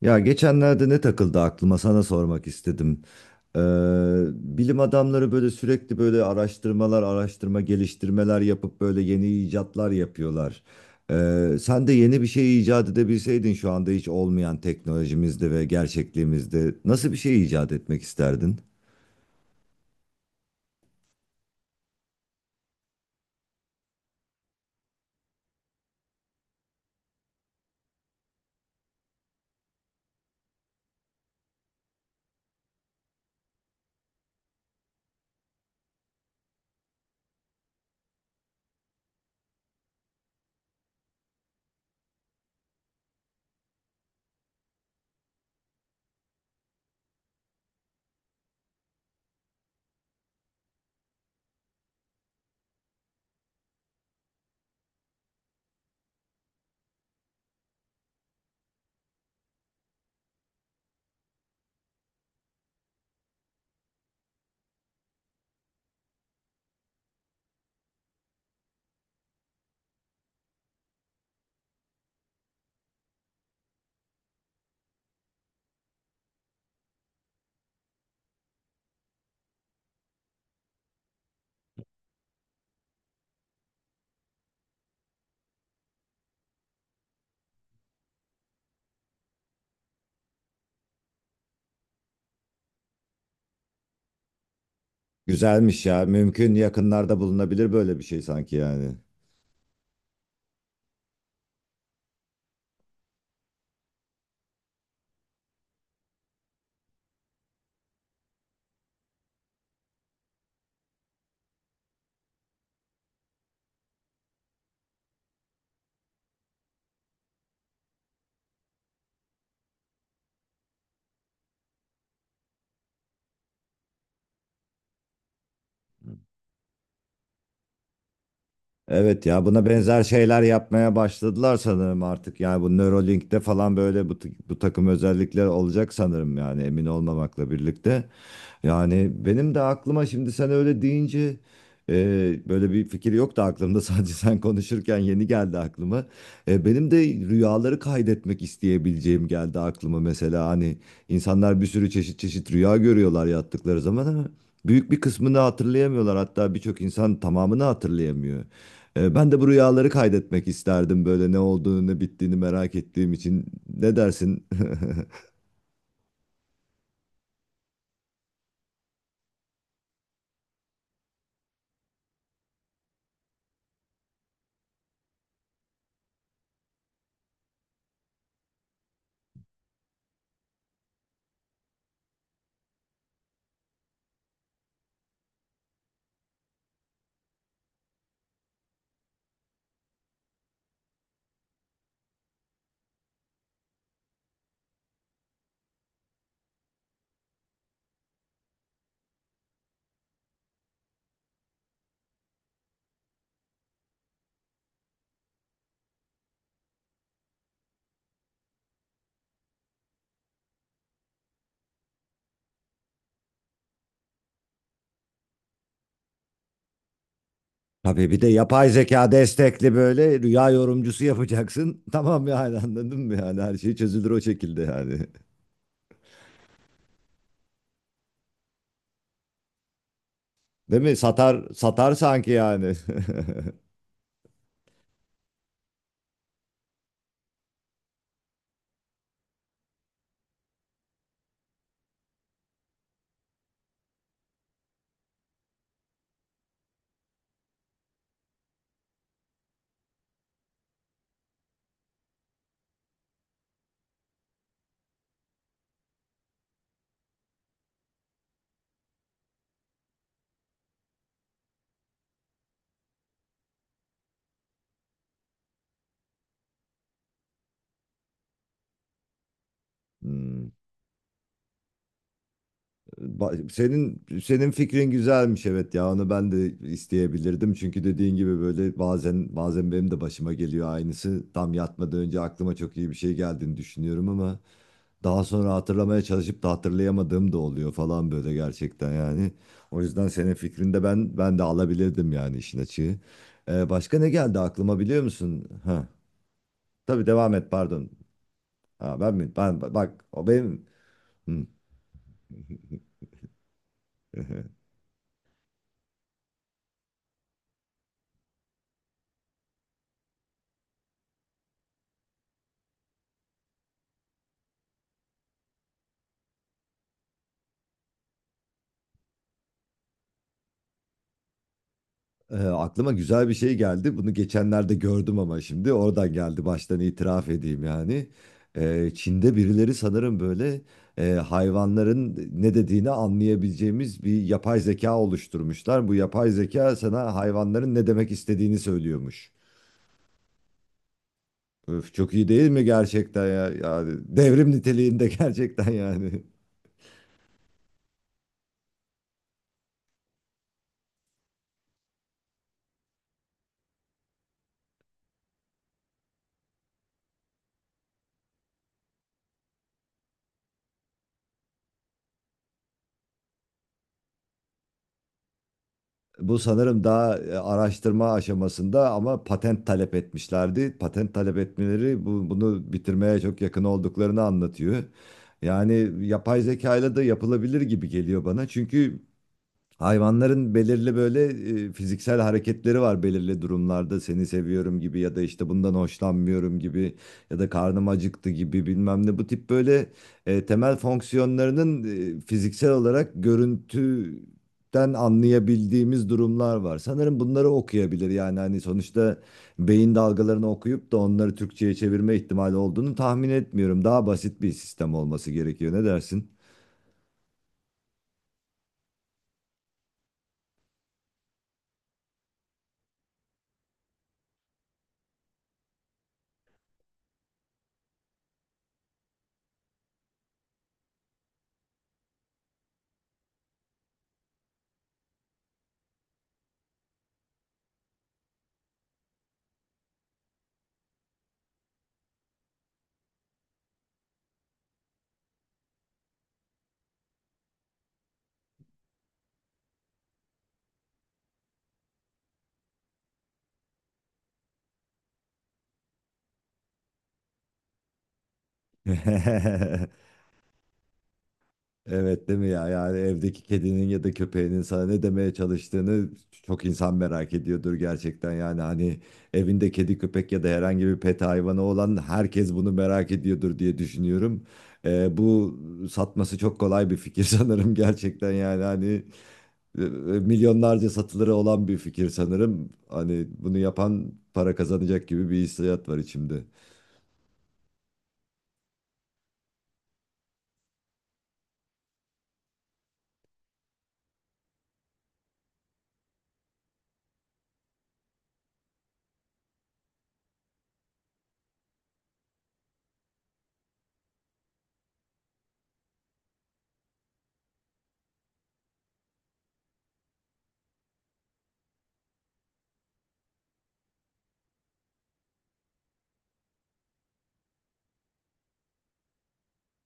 Ya geçenlerde ne takıldı aklıma sana sormak istedim. Ee, Bilim adamları böyle sürekli böyle araştırmalar, araştırma geliştirmeler yapıp böyle yeni icatlar yapıyorlar. Sen de yeni bir şey icat edebilseydin şu anda hiç olmayan teknolojimizde ve gerçekliğimizde nasıl bir şey icat etmek isterdin? Güzelmiş ya. Mümkün yakınlarda bulunabilir böyle bir şey sanki yani. Evet ya, buna benzer şeyler yapmaya başladılar sanırım artık. Yani bu Neuralink'te falan böyle bu takım özellikler olacak sanırım yani, emin olmamakla birlikte. Yani benim de aklıma şimdi sen öyle deyince böyle bir fikir yoktu aklımda sadece sen konuşurken yeni geldi aklıma. Benim de rüyaları kaydetmek isteyebileceğim geldi aklıma, mesela hani insanlar bir sürü çeşit çeşit rüya görüyorlar yattıkları zaman ama büyük bir kısmını hatırlayamıyorlar, hatta birçok insan tamamını hatırlayamıyor. Ben de bu rüyaları kaydetmek isterdim, böyle ne olduğunu ne bittiğini merak ettiğim için. Ne dersin? Tabii bir de yapay zeka destekli böyle rüya yorumcusu yapacaksın. Tamam, yani anladın mı, yani her şey çözülür o şekilde yani. Değil mi? Satar satar sanki yani. Hmm. Senin senin fikrin güzelmiş, evet ya, onu ben de isteyebilirdim çünkü dediğin gibi böyle bazen benim de başıma geliyor aynısı, tam yatmadan önce aklıma çok iyi bir şey geldiğini düşünüyorum ama daha sonra hatırlamaya çalışıp da hatırlayamadığım da oluyor falan, böyle gerçekten yani. O yüzden senin fikrinde ben de alabilirdim yani, işin açığı. Başka ne geldi aklıma, biliyor musun? Ha, tabii, devam et, pardon. Ha, ben mi? Ben bak, o benim. Hı. Aklıma güzel bir şey geldi. Bunu geçenlerde gördüm ama şimdi oradan geldi. Baştan itiraf edeyim yani. Çin'de birileri sanırım böyle hayvanların ne dediğini anlayabileceğimiz bir yapay zeka oluşturmuşlar. Bu yapay zeka sana hayvanların ne demek istediğini söylüyormuş. Öf, çok iyi değil mi gerçekten ya? Yani devrim niteliğinde gerçekten yani. Bu sanırım daha araştırma aşamasında ama patent talep etmişlerdi. Patent talep etmeleri bunu bitirmeye çok yakın olduklarını anlatıyor. Yani yapay zeka ile de yapılabilir gibi geliyor bana. Çünkü hayvanların belirli böyle fiziksel hareketleri var belirli durumlarda, seni seviyorum gibi, ya da işte bundan hoşlanmıyorum gibi, ya da karnım acıktı gibi, bilmem ne, bu tip böyle temel fonksiyonlarının fiziksel olarak görüntüden anlayabildiğimiz durumlar var. Sanırım bunları okuyabilir, yani hani sonuçta beyin dalgalarını okuyup da onları Türkçe'ye çevirme ihtimali olduğunu tahmin etmiyorum. Daha basit bir sistem olması gerekiyor, ne dersin? Evet değil mi ya? Yani evdeki kedinin ya da köpeğinin sana ne demeye çalıştığını çok insan merak ediyordur gerçekten. Yani hani evinde kedi köpek ya da herhangi bir pet hayvanı olan herkes bunu merak ediyordur diye düşünüyorum. Bu satması çok kolay bir fikir sanırım gerçekten, yani hani e, e, milyonlarca satılırı olan bir fikir sanırım. Hani bunu yapan para kazanacak gibi bir hissiyat var içimde.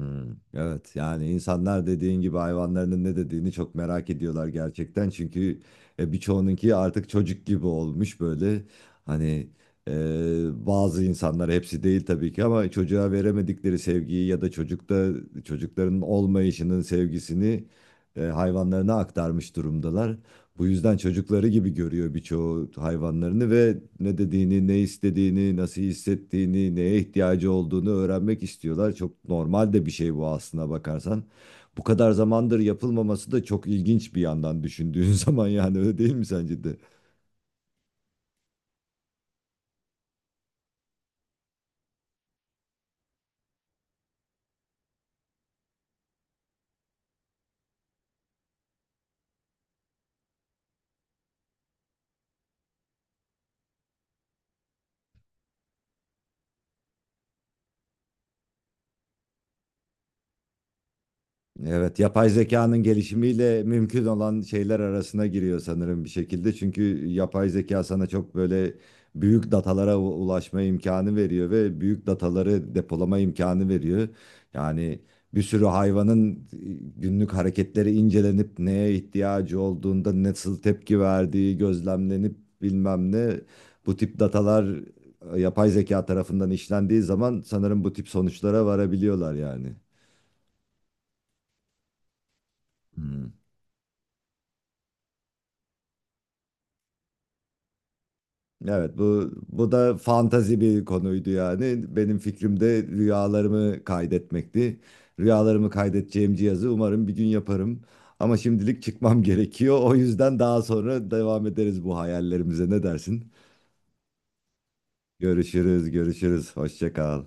Hmm, evet yani insanlar dediğin gibi hayvanlarının ne dediğini çok merak ediyorlar gerçekten. Çünkü birçoğununki artık çocuk gibi olmuş böyle. Hani e, bazı insanlar, hepsi değil tabii ki, ama çocuğa veremedikleri sevgiyi ya da çocukların olmayışının sevgisini hayvanlarına aktarmış durumdalar. Bu yüzden çocukları gibi görüyor birçoğu hayvanlarını ve ne dediğini, ne istediğini, nasıl hissettiğini, neye ihtiyacı olduğunu öğrenmek istiyorlar. Çok normal de bir şey bu, aslına bakarsan. Bu kadar zamandır yapılmaması da çok ilginç bir yandan, düşündüğün zaman yani, öyle değil mi sence de? Evet, yapay zekanın gelişimiyle mümkün olan şeyler arasına giriyor sanırım bir şekilde. Çünkü yapay zeka sana çok böyle büyük datalara ulaşma imkanı veriyor ve büyük dataları depolama imkanı veriyor. Yani bir sürü hayvanın günlük hareketleri incelenip neye ihtiyacı olduğunda nasıl tepki verdiği gözlemlenip, bilmem ne, bu tip datalar yapay zeka tarafından işlendiği zaman sanırım bu tip sonuçlara varabiliyorlar yani. Hmm. Evet, bu da fantazi bir konuydu yani. Benim fikrim de rüyalarımı kaydetmekti. Rüyalarımı kaydedeceğim cihazı umarım bir gün yaparım. Ama şimdilik çıkmam gerekiyor. O yüzden daha sonra devam ederiz bu hayallerimize. Ne dersin? Görüşürüz, görüşürüz. Hoşça kal.